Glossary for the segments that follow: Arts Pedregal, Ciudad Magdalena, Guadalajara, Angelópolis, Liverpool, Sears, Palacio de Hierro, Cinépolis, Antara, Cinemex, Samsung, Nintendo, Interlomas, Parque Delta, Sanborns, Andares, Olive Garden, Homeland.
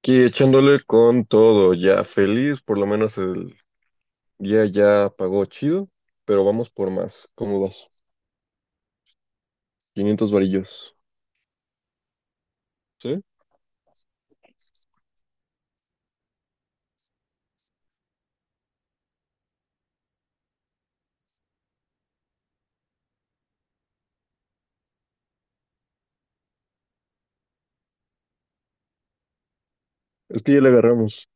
Aquí echándole con todo, ya feliz, por lo menos el día ya pagó chido, pero vamos por más. ¿Cómo vas? 500 varillos, ¿sí? Es que ya le agarramos.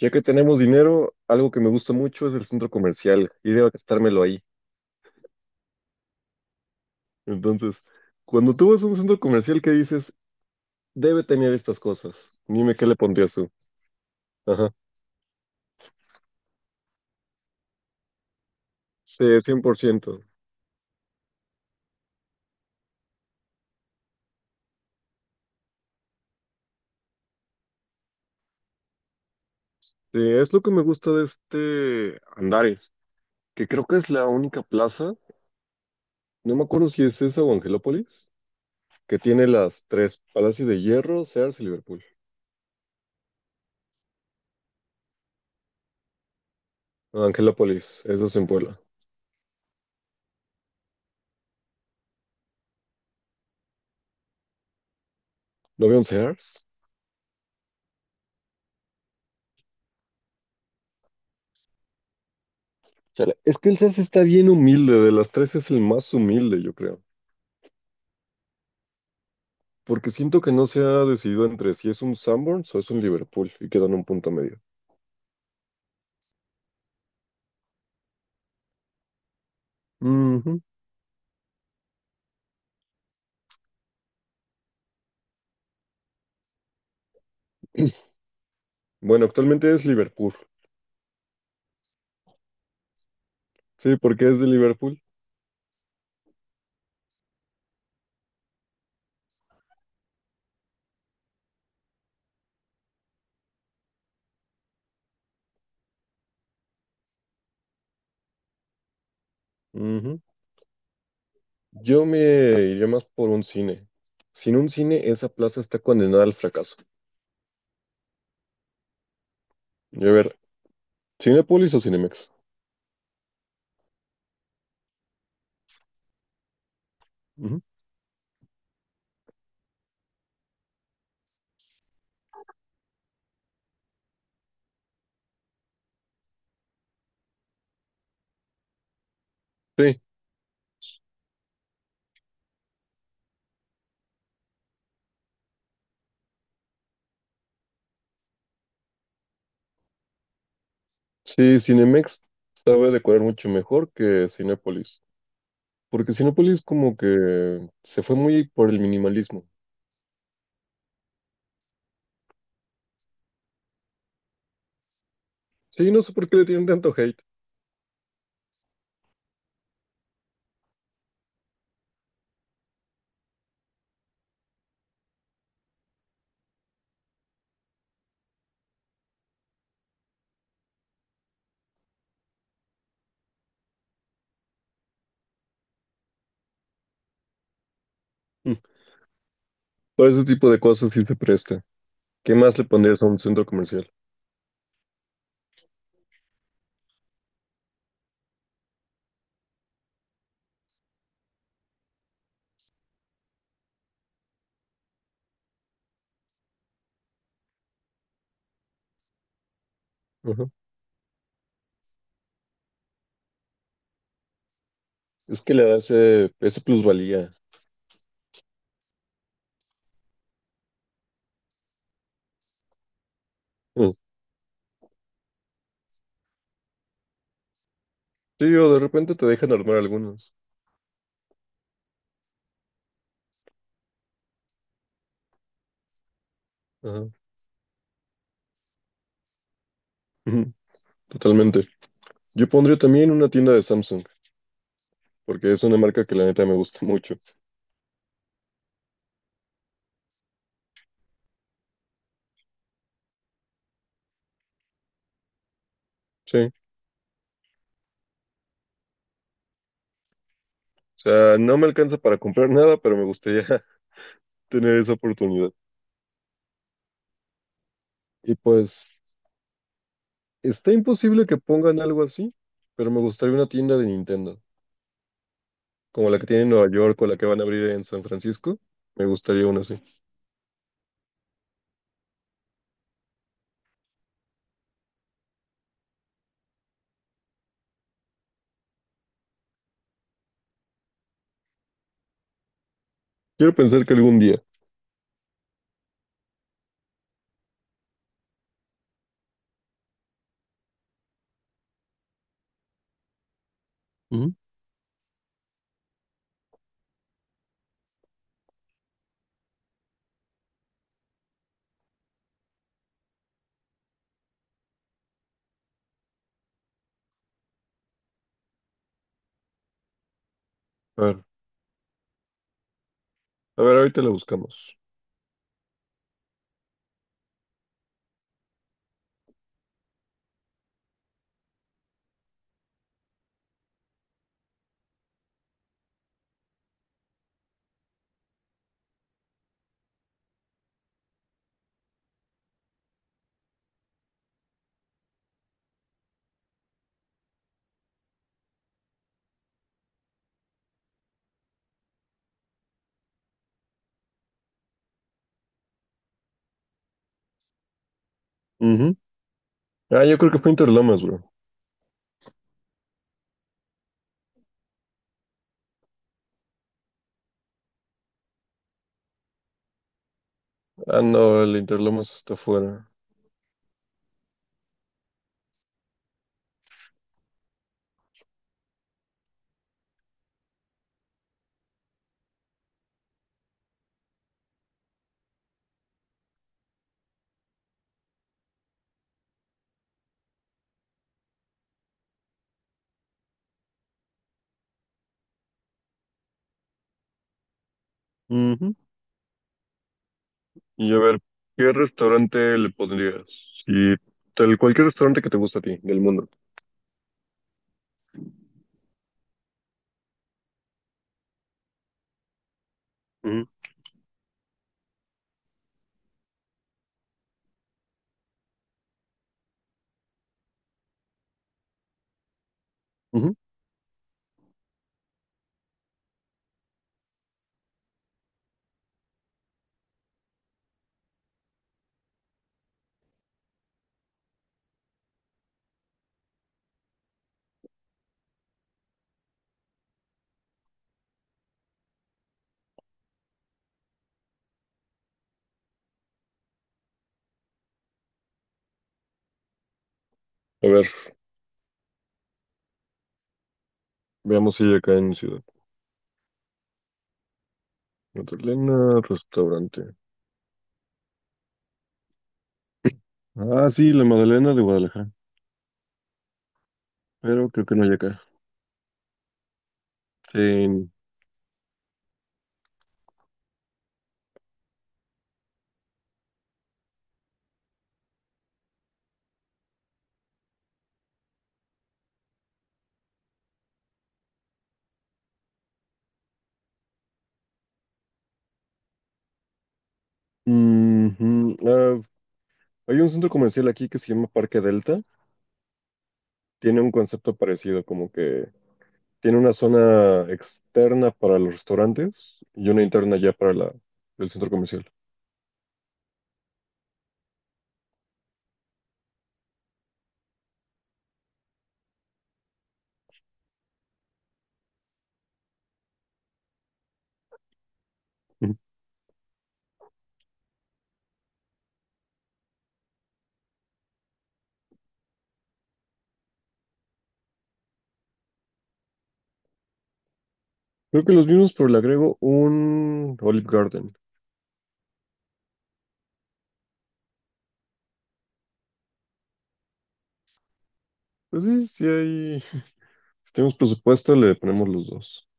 Ya que tenemos dinero, algo que me gusta mucho es el centro comercial y debo gastármelo ahí. Entonces, cuando tú vas a un centro comercial que dices, debe tener estas cosas, dime qué le pondrías tú. Ajá. Sí, 100%. Sí, es lo que me gusta de este Andares, que creo que es la única plaza. No me acuerdo si es esa o Angelópolis, que tiene las tres, Palacio de Hierro, Sears y Liverpool. Angelópolis, eso es en Puebla. ¿No veo un Sears? Chale, es que el Sears está bien humilde, de las tres es el más humilde, yo creo. Porque siento que no se ha decidido entre si es un Sanborns o es un Liverpool y quedan un punto medio. Ujú. Bueno, actualmente es Liverpool. Sí, porque es de Liverpool. Ujú. Yo me iría más por un cine. Sin un cine, esa plaza está condenada al fracaso. Y a ver, ¿Cinépolis o Cinemex? Ujú. Sí, sí, Cinemex sabe decorar mucho mejor que Cinépolis, porque Cinépolis como que se fue muy por el minimalismo. Sí, no sé por qué le tienen tanto hate. Mm, para ese tipo de cosas sí se presta. ¿Qué más le pondrías a un centro comercial? Ujú. Es que le da ese plusvalía. Mm. Sí, o de repente te dejan armar algunos. Ajá. Ujú, totalmente. Yo pondría también una tienda de Samsung, porque es una marca que la neta me gusta mucho. Sí, o sea, no me alcanza para comprar nada, pero me gustaría tener esa oportunidad. Y pues, está imposible que pongan algo así, pero me gustaría una tienda de Nintendo, como la que tiene en Nueva York o la que van a abrir en San Francisco. Me gustaría una así. Quiero pensar que algún día. Ujú. A ver, a ver, ahorita la buscamos. Ujú. Ah, yo creo que fue Interlomas, bro. Ah, no, el Interlomas está afuera. Ujú. Y a ver, ¿qué restaurante le pondrías? Si tal cualquier restaurante que te guste a ti, del mundo. Ujú, ujú. A ver, veamos si hay acá en Ciudad. Magdalena, restaurante. Ah, sí, la Magdalena de Guadalajara, pero creo que no hay acá. En. Ujú, ah, hay un centro comercial aquí que se llama Parque Delta. Tiene un concepto parecido, como que tiene una zona externa para los restaurantes y una interna ya para el centro comercial. Creo que los mismos, pero le agrego un Olive Garden. Pues sí, sí hay. Si tenemos presupuesto, le ponemos los dos.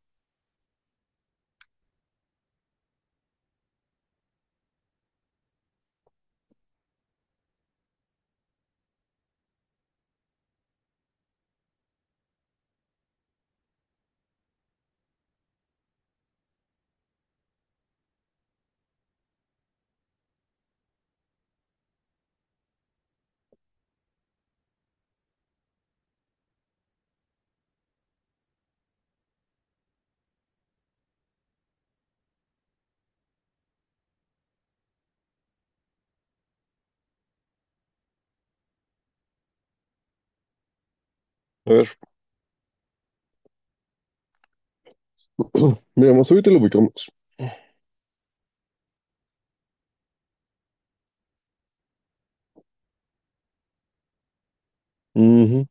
A ver, veamos ahorita lo ubicamos. Ujú.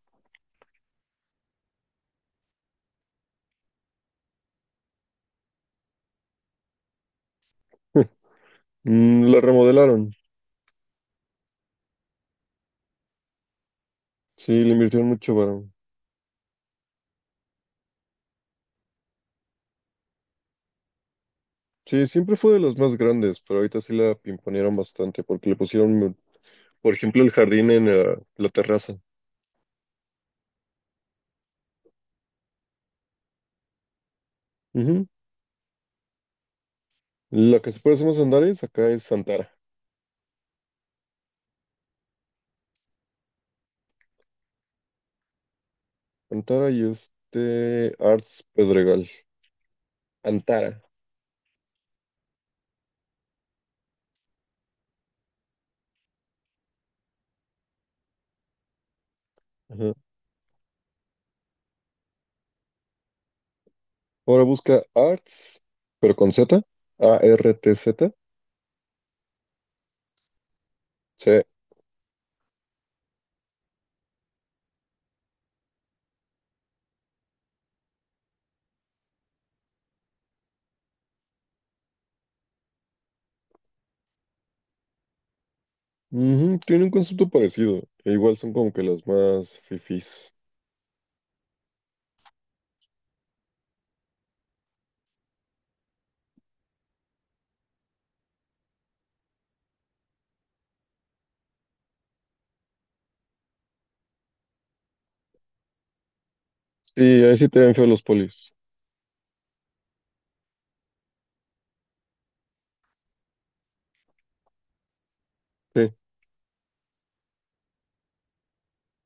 Mm, la remodelaron. Sí, le invirtieron mucho varón. Sí, siempre fue de las más grandes, pero ahorita sí la pimponearon bastante porque le pusieron, por ejemplo, el jardín en la terraza. Ujú. La que se parece más a Andares acá es Antara. Antara y este Arts Pedregal. Antara. Ajá. Ahora busca Arts, pero con Z, ARTZ. Sí. Ujú, tiene un concepto parecido, e igual son como que las más fifís. Sí, ahí sí te ven feo los polis. Sí.